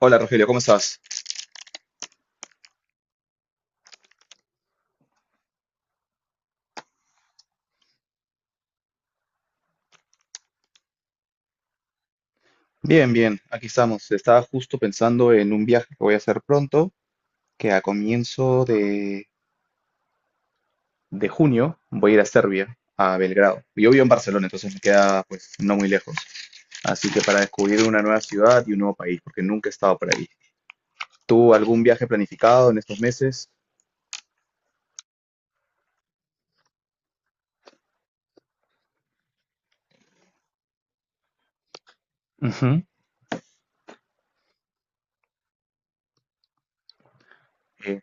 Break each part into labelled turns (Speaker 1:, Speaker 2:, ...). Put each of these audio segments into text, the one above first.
Speaker 1: Hola Rogelio, ¿cómo estás? Bien, bien, aquí estamos. Estaba justo pensando en un viaje que voy a hacer pronto, que a comienzo de junio voy a ir a Serbia, a Belgrado. Yo vivo en Barcelona, entonces me queda pues no muy lejos. Así que para descubrir una nueva ciudad y un nuevo país, porque nunca he estado por ahí. ¿Tú algún viaje planificado en estos meses? Ujú. Eh,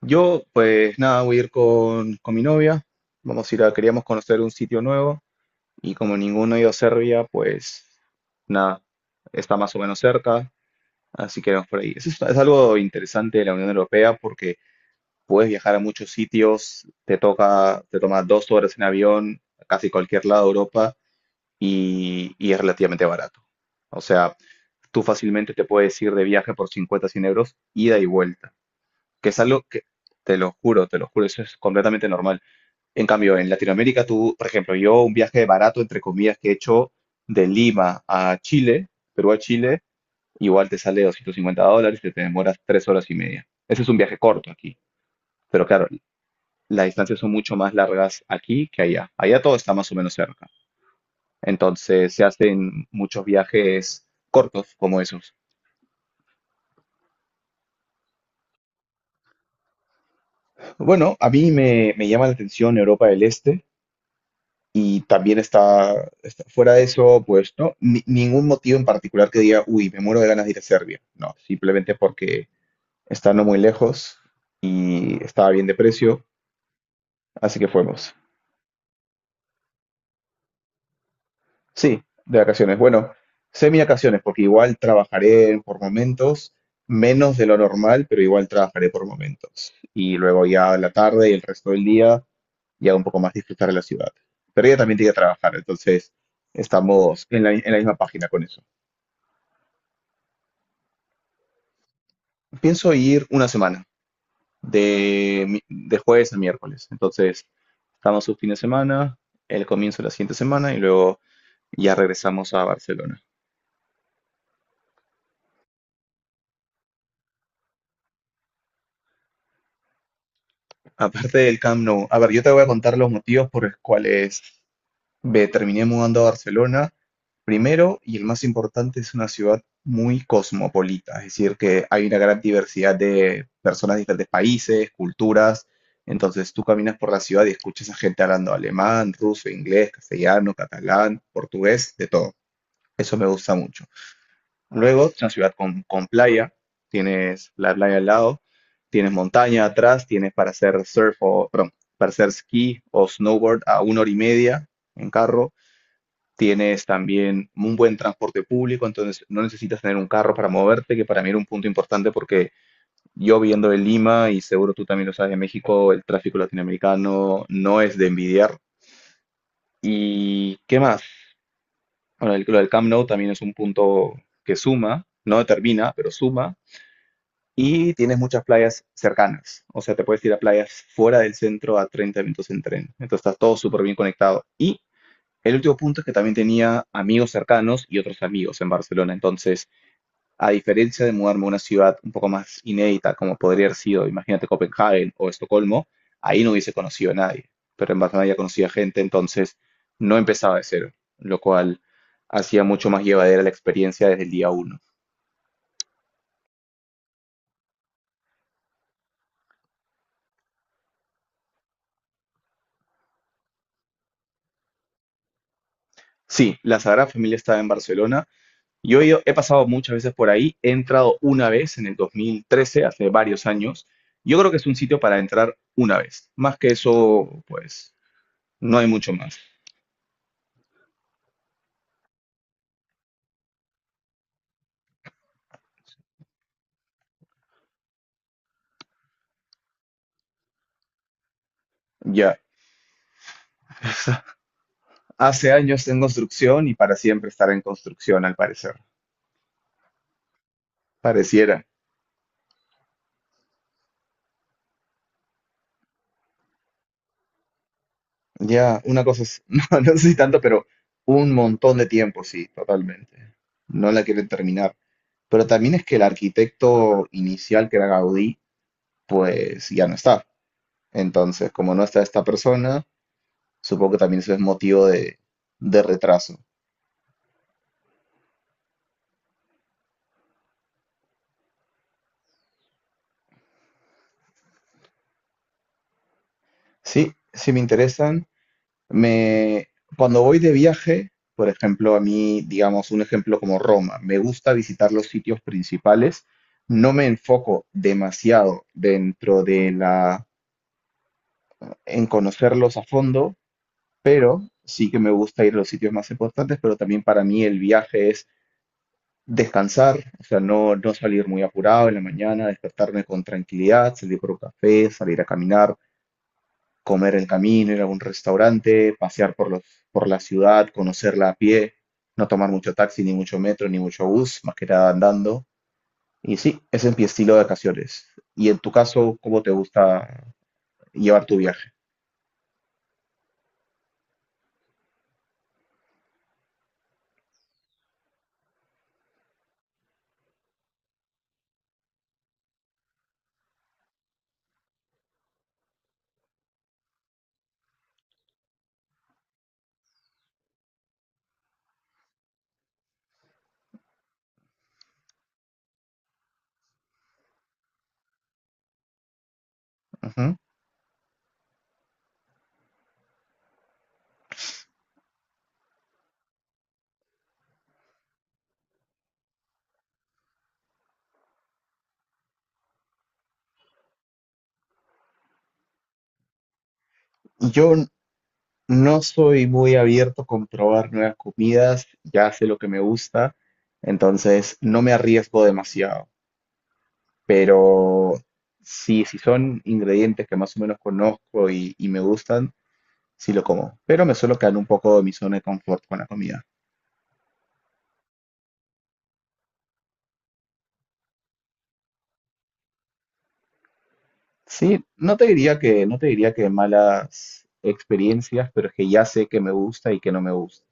Speaker 1: yo pues nada, voy a ir con mi novia. Vamos a ir a, queríamos conocer un sitio nuevo. Y como ninguno dio Serbia, pues nada, está más o menos cerca, así que vamos por ahí. Eso es algo interesante de la Unión Europea porque puedes viajar a muchos sitios, te toma 2 horas en avión, a casi cualquier lado de Europa, y es relativamente barato. O sea, tú fácilmente te puedes ir de viaje por 50, 100 euros, ida y vuelta, que es algo que, te lo juro, eso es completamente normal. En cambio, en Latinoamérica, tú, por ejemplo, yo un viaje barato, entre comillas, que he hecho de Lima a Chile, Perú a Chile, igual te sale $250 y te demoras 3 horas y media. Ese es un viaje corto aquí. Pero claro, las distancias son mucho más largas aquí que allá. Allá todo está más o menos cerca. Entonces se hacen muchos viajes cortos como esos. Bueno, a mí me llama la atención Europa del Este. Y también fuera de eso, pues, ¿no? Ningún motivo en particular que diga, uy, me muero de ganas de ir a Serbia. No, simplemente porque está no muy lejos y estaba bien de precio, así que fuimos. Sí, de vacaciones. Bueno, semi-vacaciones, porque igual trabajaré por momentos, menos de lo normal, pero igual trabajaré por momentos. Y luego ya la tarde y el resto del día, ya un poco más disfrutar de la ciudad. Pero ella también tiene que trabajar, entonces estamos en la misma página con eso. Pienso ir una semana, de, mi- de jueves a miércoles. Entonces, estamos un fin de semana, el comienzo de la siguiente semana y luego ya regresamos a Barcelona. Aparte del Camp Nou, a ver, yo te voy a contar los motivos por los cuales me terminé mudando a Barcelona primero, y el más importante es una ciudad muy cosmopolita, es decir, que hay una gran diversidad de personas de diferentes países, culturas, entonces tú caminas por la ciudad y escuchas a gente hablando alemán, ruso, inglés, castellano, catalán, portugués, de todo. Eso me gusta mucho. Luego, es una ciudad con playa, tienes la playa al lado, tienes montaña atrás, tienes para hacer surf o, perdón, para hacer esquí o snowboard a una hora y media en carro. Tienes también un buen transporte público, entonces no necesitas tener un carro para moverte, que para mí era un punto importante porque yo viendo de Lima, y seguro tú también lo sabes de México, el tráfico latinoamericano no es de envidiar. ¿Y qué más? Bueno, lo del Camp Nou también es un punto que suma, no determina, pero suma. Y tienes muchas playas cercanas, o sea, te puedes ir a playas fuera del centro a 30 minutos en tren. Entonces está todo súper bien conectado. Y el último punto es que también tenía amigos cercanos y otros amigos en Barcelona. Entonces, a diferencia de mudarme a una ciudad un poco más inédita, como podría haber sido, imagínate, Copenhague o Estocolmo, ahí no hubiese conocido a nadie. Pero en Barcelona ya conocía gente, entonces no empezaba de cero, lo cual hacía mucho más llevadera la experiencia desde el día uno. Sí, la Sagrada Familia estaba en Barcelona. Yo he pasado muchas veces por ahí, he entrado una vez en el 2013, hace varios años. Yo creo que es un sitio para entrar una vez. Más que eso, pues no hay mucho más. Ya, hace años en construcción y para siempre estar en construcción, al parecer. Pareciera. Ya, una cosa es, no, no sé si tanto, pero un montón de tiempo, sí, totalmente. No la quieren terminar. Pero también es que el arquitecto inicial, que era Gaudí, pues ya no está. Entonces, como no está esta persona, supongo que también eso es motivo de retraso. Sí, sí me interesan. Me, cuando voy de viaje, por ejemplo, a mí, digamos, un ejemplo como Roma, me gusta visitar los sitios principales. No me enfoco demasiado en conocerlos a fondo, pero sí que me gusta ir a los sitios más importantes, pero también para mí el viaje es descansar, o sea, no, no salir muy apurado en la mañana, despertarme con tranquilidad, salir por un café, salir a caminar, comer el camino, ir a algún restaurante, pasear por la ciudad, conocerla a pie, no tomar mucho taxi, ni mucho metro, ni mucho bus, más que nada andando. Y sí, ese es mi estilo de vacaciones. Y en tu caso, ¿cómo te gusta llevar tu viaje? Ujú. Yo no soy muy abierto con probar nuevas comidas, ya sé lo que me gusta, entonces no me arriesgo demasiado. Pero sí, si son ingredientes que más o menos conozco y me gustan, sí lo como, pero me suelo quedar un poco de mi zona de confort con la comida. Sí, no te diría que, malas experiencias, pero es que ya sé que me gusta y que no me gusta.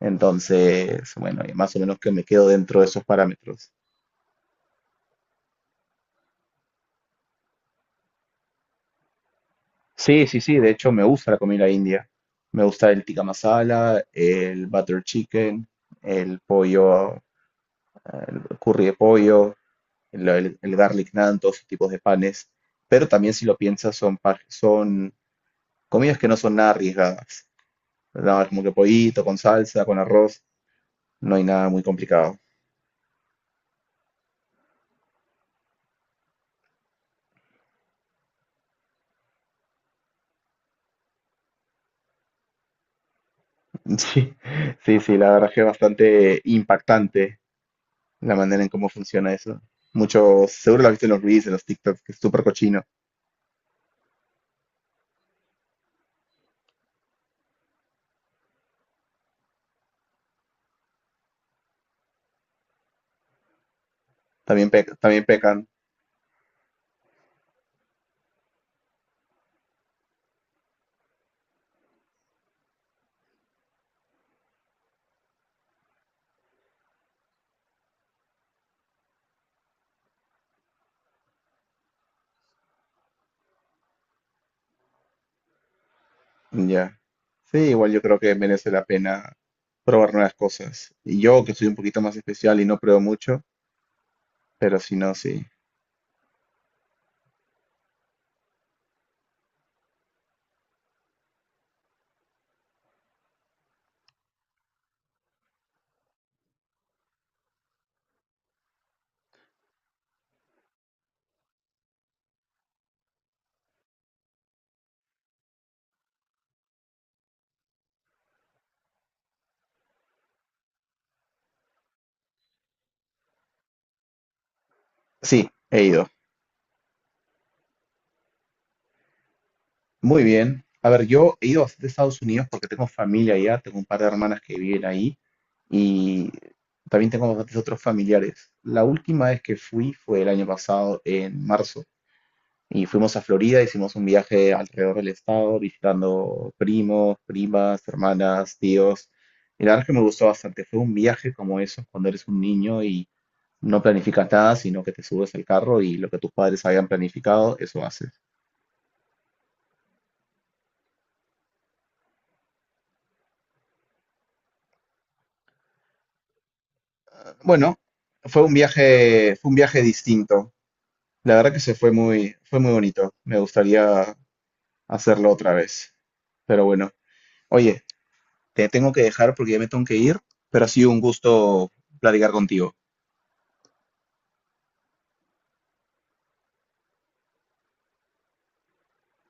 Speaker 1: Entonces, bueno, y más o menos que me quedo dentro de esos parámetros. Sí, sí, sí, de hecho me gusta la comida india. Me gusta el tikka masala, el butter chicken, el pollo, el curry de pollo, el garlic naan, todos esos tipos de panes. Pero también si lo piensas son comidas que no son nada arriesgadas, ¿verdad? Como que pollito con salsa, con arroz, no hay nada muy complicado. Sí, sí, sí, la verdad que es bastante impactante la manera en cómo funciona eso. Muchos, seguro lo has visto en los reels, en los TikToks, que es súper cochino. También, también pecan, ya. Sí, igual yo creo que merece la pena probar nuevas cosas. Y yo, que soy un poquito más especial y no pruebo mucho, pero si no, sí. Sí, he ido. Muy bien. A ver, yo he ido bastante a Estados Unidos porque tengo familia allá, tengo un par de hermanas que viven ahí y también tengo bastantes otros familiares. La última vez que fui fue el año pasado, en marzo, y fuimos a Florida, hicimos un viaje alrededor del estado, visitando primos, primas, hermanas, tíos. Y la verdad es que me gustó bastante. Fue un viaje como esos cuando eres un niño y no planificas nada, sino que te subes al carro y lo que tus padres habían planificado, eso haces. Bueno, fue un viaje distinto. La verdad que fue muy bonito. Me gustaría hacerlo otra vez. Pero bueno, oye, te tengo que dejar porque ya me tengo que ir, pero ha sido un gusto platicar contigo.